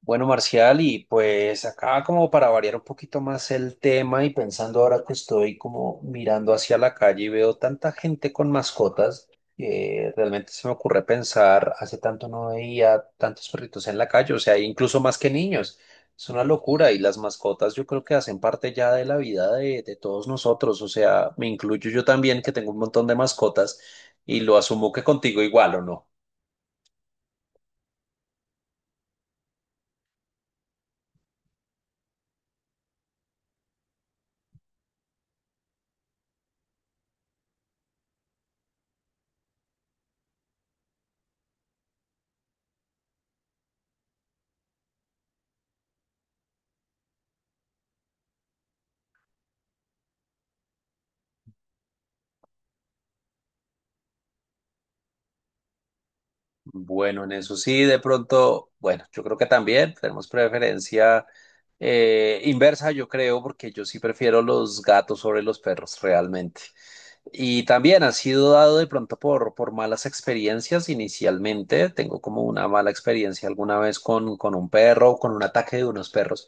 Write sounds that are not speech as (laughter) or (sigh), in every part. Bueno, Marcial, y pues acá como para variar un poquito más el tema y pensando ahora que estoy como mirando hacia la calle y veo tanta gente con mascotas, realmente se me ocurre pensar, hace tanto no veía tantos perritos en la calle, o sea, incluso más que niños. Es una locura y las mascotas yo creo que hacen parte ya de la vida de todos nosotros, o sea, me incluyo yo también que tengo un montón de mascotas y lo asumo que contigo igual, ¿o no? Bueno, en eso sí, de pronto, bueno, yo creo que también tenemos preferencia inversa, yo creo, porque yo sí prefiero los gatos sobre los perros, realmente. Y también ha sido dado de pronto por malas experiencias inicialmente. Tengo como una mala experiencia alguna vez con un perro, con un ataque de unos perros.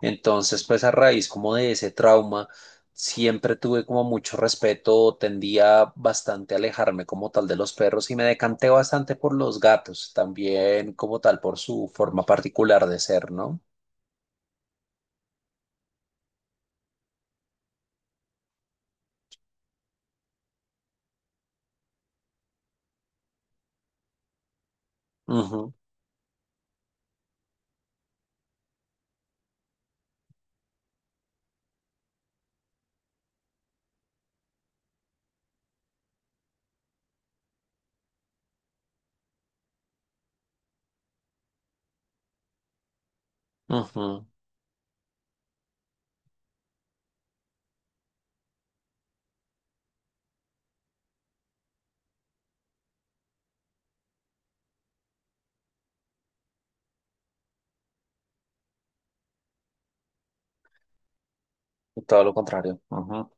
Entonces, pues a raíz como de ese trauma, siempre tuve como mucho respeto, tendía bastante a alejarme como tal de los perros y me decanté bastante por los gatos, también como tal por su forma particular de ser, ¿no? Ujú. Ujú. Todo lo contrario. Ujú.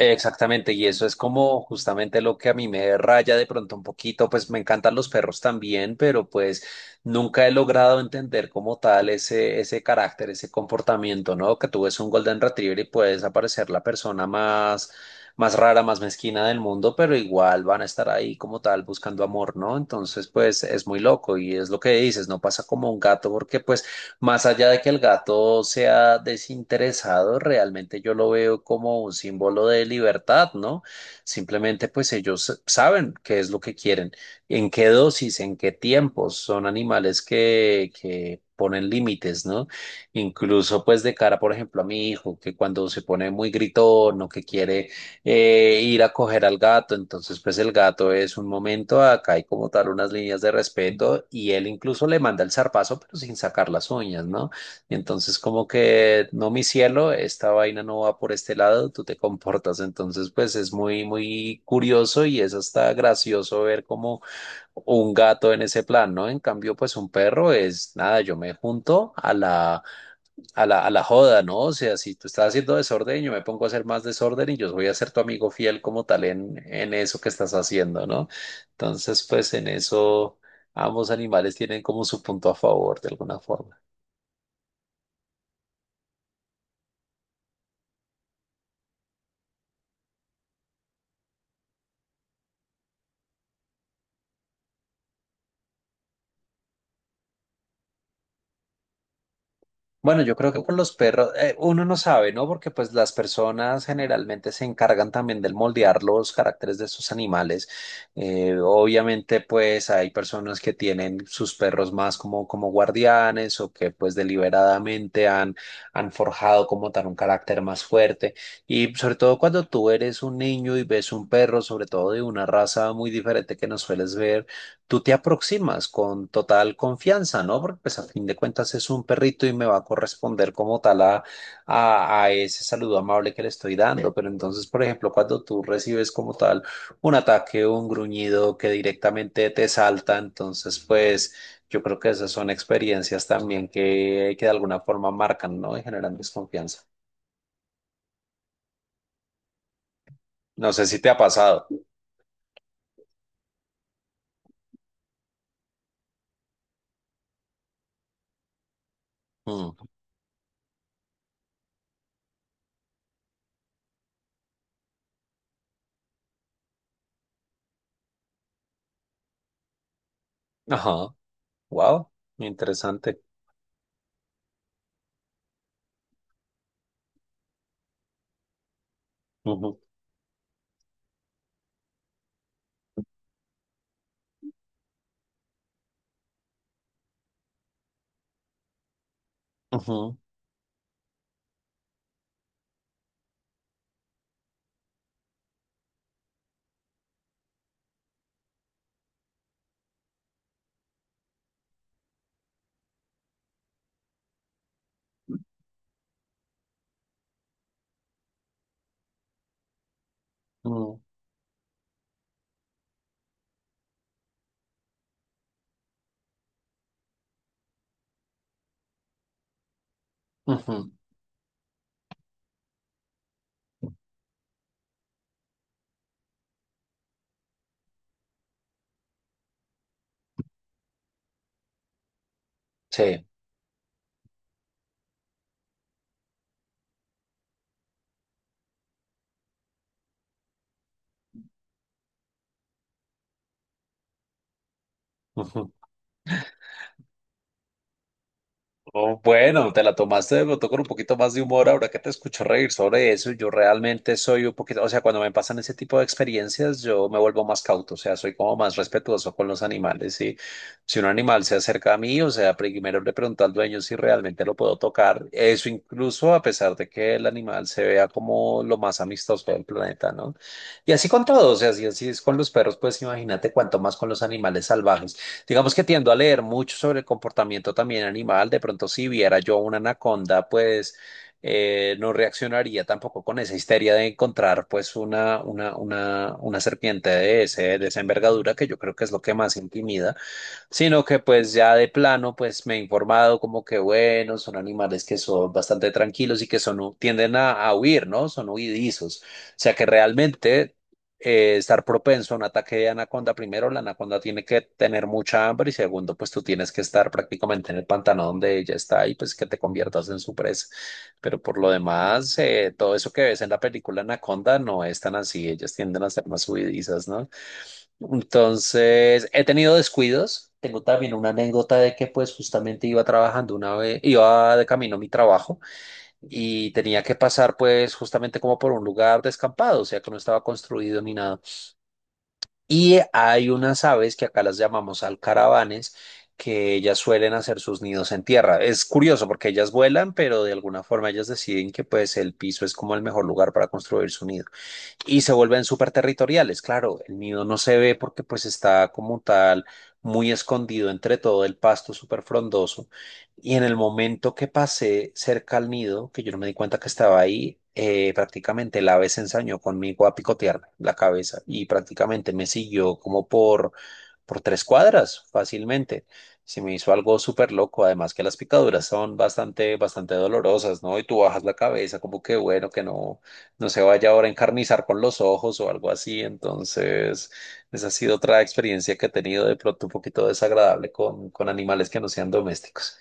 Exactamente, y eso es como justamente lo que a mí me raya de pronto un poquito, pues me encantan los perros también, pero pues nunca he logrado entender como tal ese, ese carácter, ese comportamiento, ¿no? Que tú ves un Golden Retriever y puedes aparecer la persona más, más rara, más mezquina del mundo, pero igual van a estar ahí como tal buscando amor, ¿no? Entonces, pues es muy loco y es lo que dices, no pasa como un gato porque pues más allá de que el gato sea desinteresado, realmente yo lo veo como un símbolo de libertad, ¿no? Simplemente pues ellos saben qué es lo que quieren, en qué dosis, en qué tiempos. Son animales que ponen límites, ¿no? Incluso pues de cara, por ejemplo, a mi hijo, que cuando se pone muy gritón o que quiere ir a coger al gato. Entonces, pues el gato es un momento, acá hay como tal unas líneas de respeto y él incluso le manda el zarpazo, pero sin sacar las uñas, ¿no? Y entonces como que, no, mi cielo, esta vaina no va por este lado, tú te comportas. Entonces, pues es muy, muy curioso y es hasta gracioso ver como un gato en ese plan, ¿no? En cambio, pues un perro es, nada, yo me junto a la joda, ¿no? O sea, si tú estás haciendo desorden, yo me pongo a hacer más desorden y yo voy a ser tu amigo fiel como tal en eso que estás haciendo, ¿no? Entonces, pues en eso ambos animales tienen como su punto a favor de alguna forma. Bueno, yo creo que con los perros, uno no sabe, ¿no? Porque pues las personas generalmente se encargan también del moldear los caracteres de sus animales. Obviamente pues hay personas que tienen sus perros más como, como guardianes o que pues deliberadamente han forjado como tal un carácter más fuerte. Y sobre todo cuando tú eres un niño y ves un perro, sobre todo de una raza muy diferente que no sueles ver, tú te aproximas con total confianza, ¿no? Porque pues a fin de cuentas es un perrito y me va a corresponder como tal a ese saludo amable que le estoy dando. Pero entonces, por ejemplo, cuando tú recibes como tal un ataque o un gruñido que directamente te salta, entonces pues yo creo que esas son experiencias también que de alguna forma marcan, ¿no? Y generan desconfianza. No sé si te ha pasado. Mm. Ajá. Wow. Interesante. Ujú. Ujú. Ujú. Ujú. Sí. Ujú. Oh, bueno, te la tomaste de pronto con un poquito más de humor ahora que te escucho reír sobre eso. Yo realmente soy un poquito, o sea, cuando me pasan ese tipo de experiencias, yo me vuelvo más cauto, o sea, soy como más respetuoso con los animales. Y si un animal se acerca a mí, o sea, primero le pregunto al dueño si realmente lo puedo tocar. Eso incluso a pesar de que el animal se vea como lo más amistoso del planeta, ¿no? Y así con todo, o sea, si así es con los perros, pues imagínate cuánto más con los animales salvajes. Digamos que tiendo a leer mucho sobre el comportamiento también animal. De pronto, si viera yo una anaconda, pues no reaccionaría tampoco con esa histeria de encontrar pues una serpiente de ese, de esa envergadura, que yo creo que es lo que más intimida, sino que pues ya de plano pues me he informado como que bueno, son animales que son bastante tranquilos y que son, tienden a huir, ¿no? Son huidizos. O sea que realmente, estar propenso a un ataque de anaconda, primero la anaconda tiene que tener mucha hambre y segundo pues tú tienes que estar prácticamente en el pantano donde ella está y pues que te conviertas en su presa. Pero por lo demás, todo eso que ves en la película Anaconda no es tan así, ellas tienden a ser más huidizas, ¿no? Entonces, he tenido descuidos. Tengo también una anécdota de que pues justamente iba trabajando una vez, iba de camino a mi trabajo y tenía que pasar pues justamente como por un lugar descampado, o sea que no estaba construido ni nada. Y hay unas aves que acá las llamamos alcaravanes que ellas suelen hacer sus nidos en tierra. Es curioso porque ellas vuelan, pero de alguna forma ellas deciden que pues el piso es como el mejor lugar para construir su nido y se vuelven súper territoriales. Claro, el nido no se ve porque pues está como tal muy escondido entre todo el pasto súper frondoso. Y en el momento que pasé cerca al nido, que yo no me di cuenta que estaba ahí, prácticamente el ave se ensañó conmigo a picotearme la cabeza y prácticamente me siguió como por 3 cuadras fácilmente. Se me hizo algo súper loco, además que las picaduras son bastante, bastante dolorosas, ¿no? Y tú bajas la cabeza como que bueno, que no, no se vaya ahora a encarnizar con los ojos o algo así. Entonces, esa ha sido otra experiencia que he tenido de pronto un poquito desagradable con animales que no sean domésticos.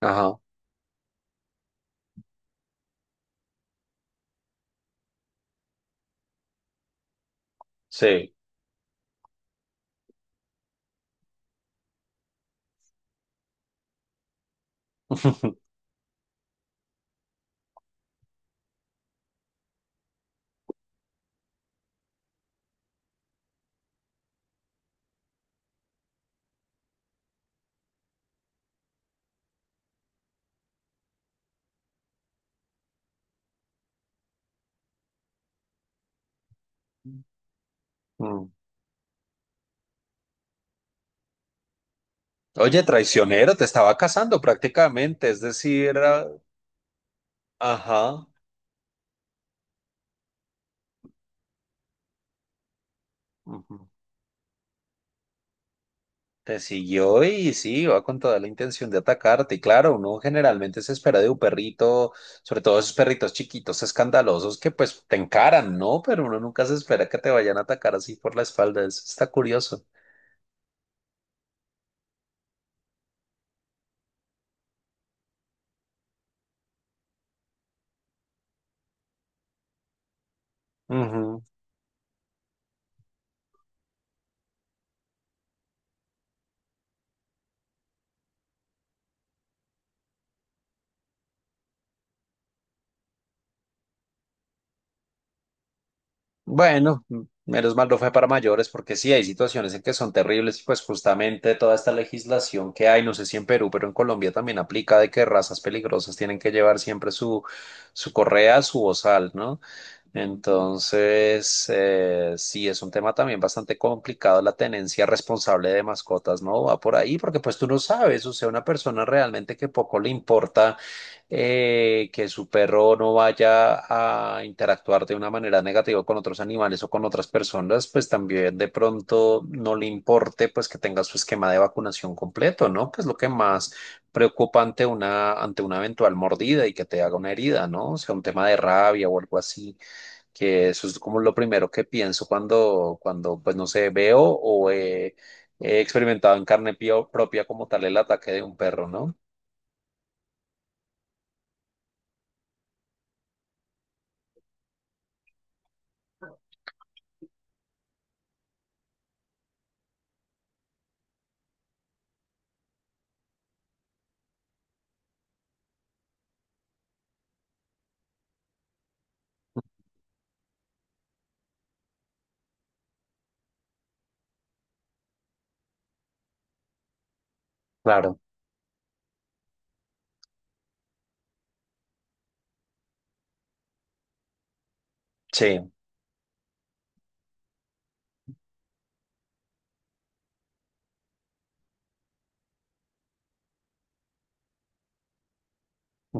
Ajá. Sí. (laughs) Mm. Oye, traicionero, te estaba casando prácticamente, es decir, era... Ajá. Te siguió y sí, va con toda la intención de atacarte. Y claro, uno generalmente se espera de un perrito, sobre todo esos perritos chiquitos, escandalosos, que pues te encaran, ¿no? Pero uno nunca se espera que te vayan a atacar así por la espalda. Eso está curioso. Ujú. Bueno, menos mal no fue para mayores, porque sí hay situaciones en que son terribles y pues justamente toda esta legislación que hay, no sé si en Perú, pero en Colombia también aplica de que razas peligrosas tienen que llevar siempre su correa, su bozal, ¿no? Entonces, sí, es un tema también bastante complicado la tenencia responsable de mascotas, ¿no? Va por ahí porque pues tú no sabes, o sea, una persona realmente que poco le importa que su perro no vaya a interactuar de una manera negativa con otros animales o con otras personas, pues también de pronto no le importe pues que tenga su esquema de vacunación completo, ¿no? Que es lo que más preocupa ante una eventual mordida y que te haga una herida, ¿no? O sea, un tema de rabia o algo así, que eso es como lo primero que pienso cuando, cuando pues no sé, veo o he experimentado en carne propia como tal el ataque de un perro, ¿no? Claro, sí,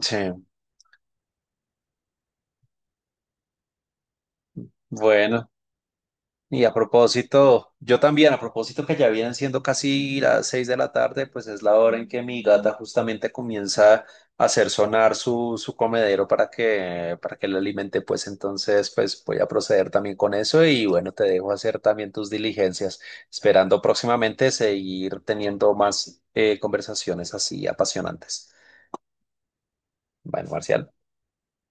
sí. Bueno, y a propósito, yo también, a propósito que ya vienen siendo casi las 6 de la tarde, pues es la hora en que mi gata justamente comienza a hacer sonar su comedero para que le alimente, pues entonces, pues voy a proceder también con eso y bueno, te dejo hacer también tus diligencias, esperando próximamente seguir teniendo más conversaciones así apasionantes. Bueno, Marcial.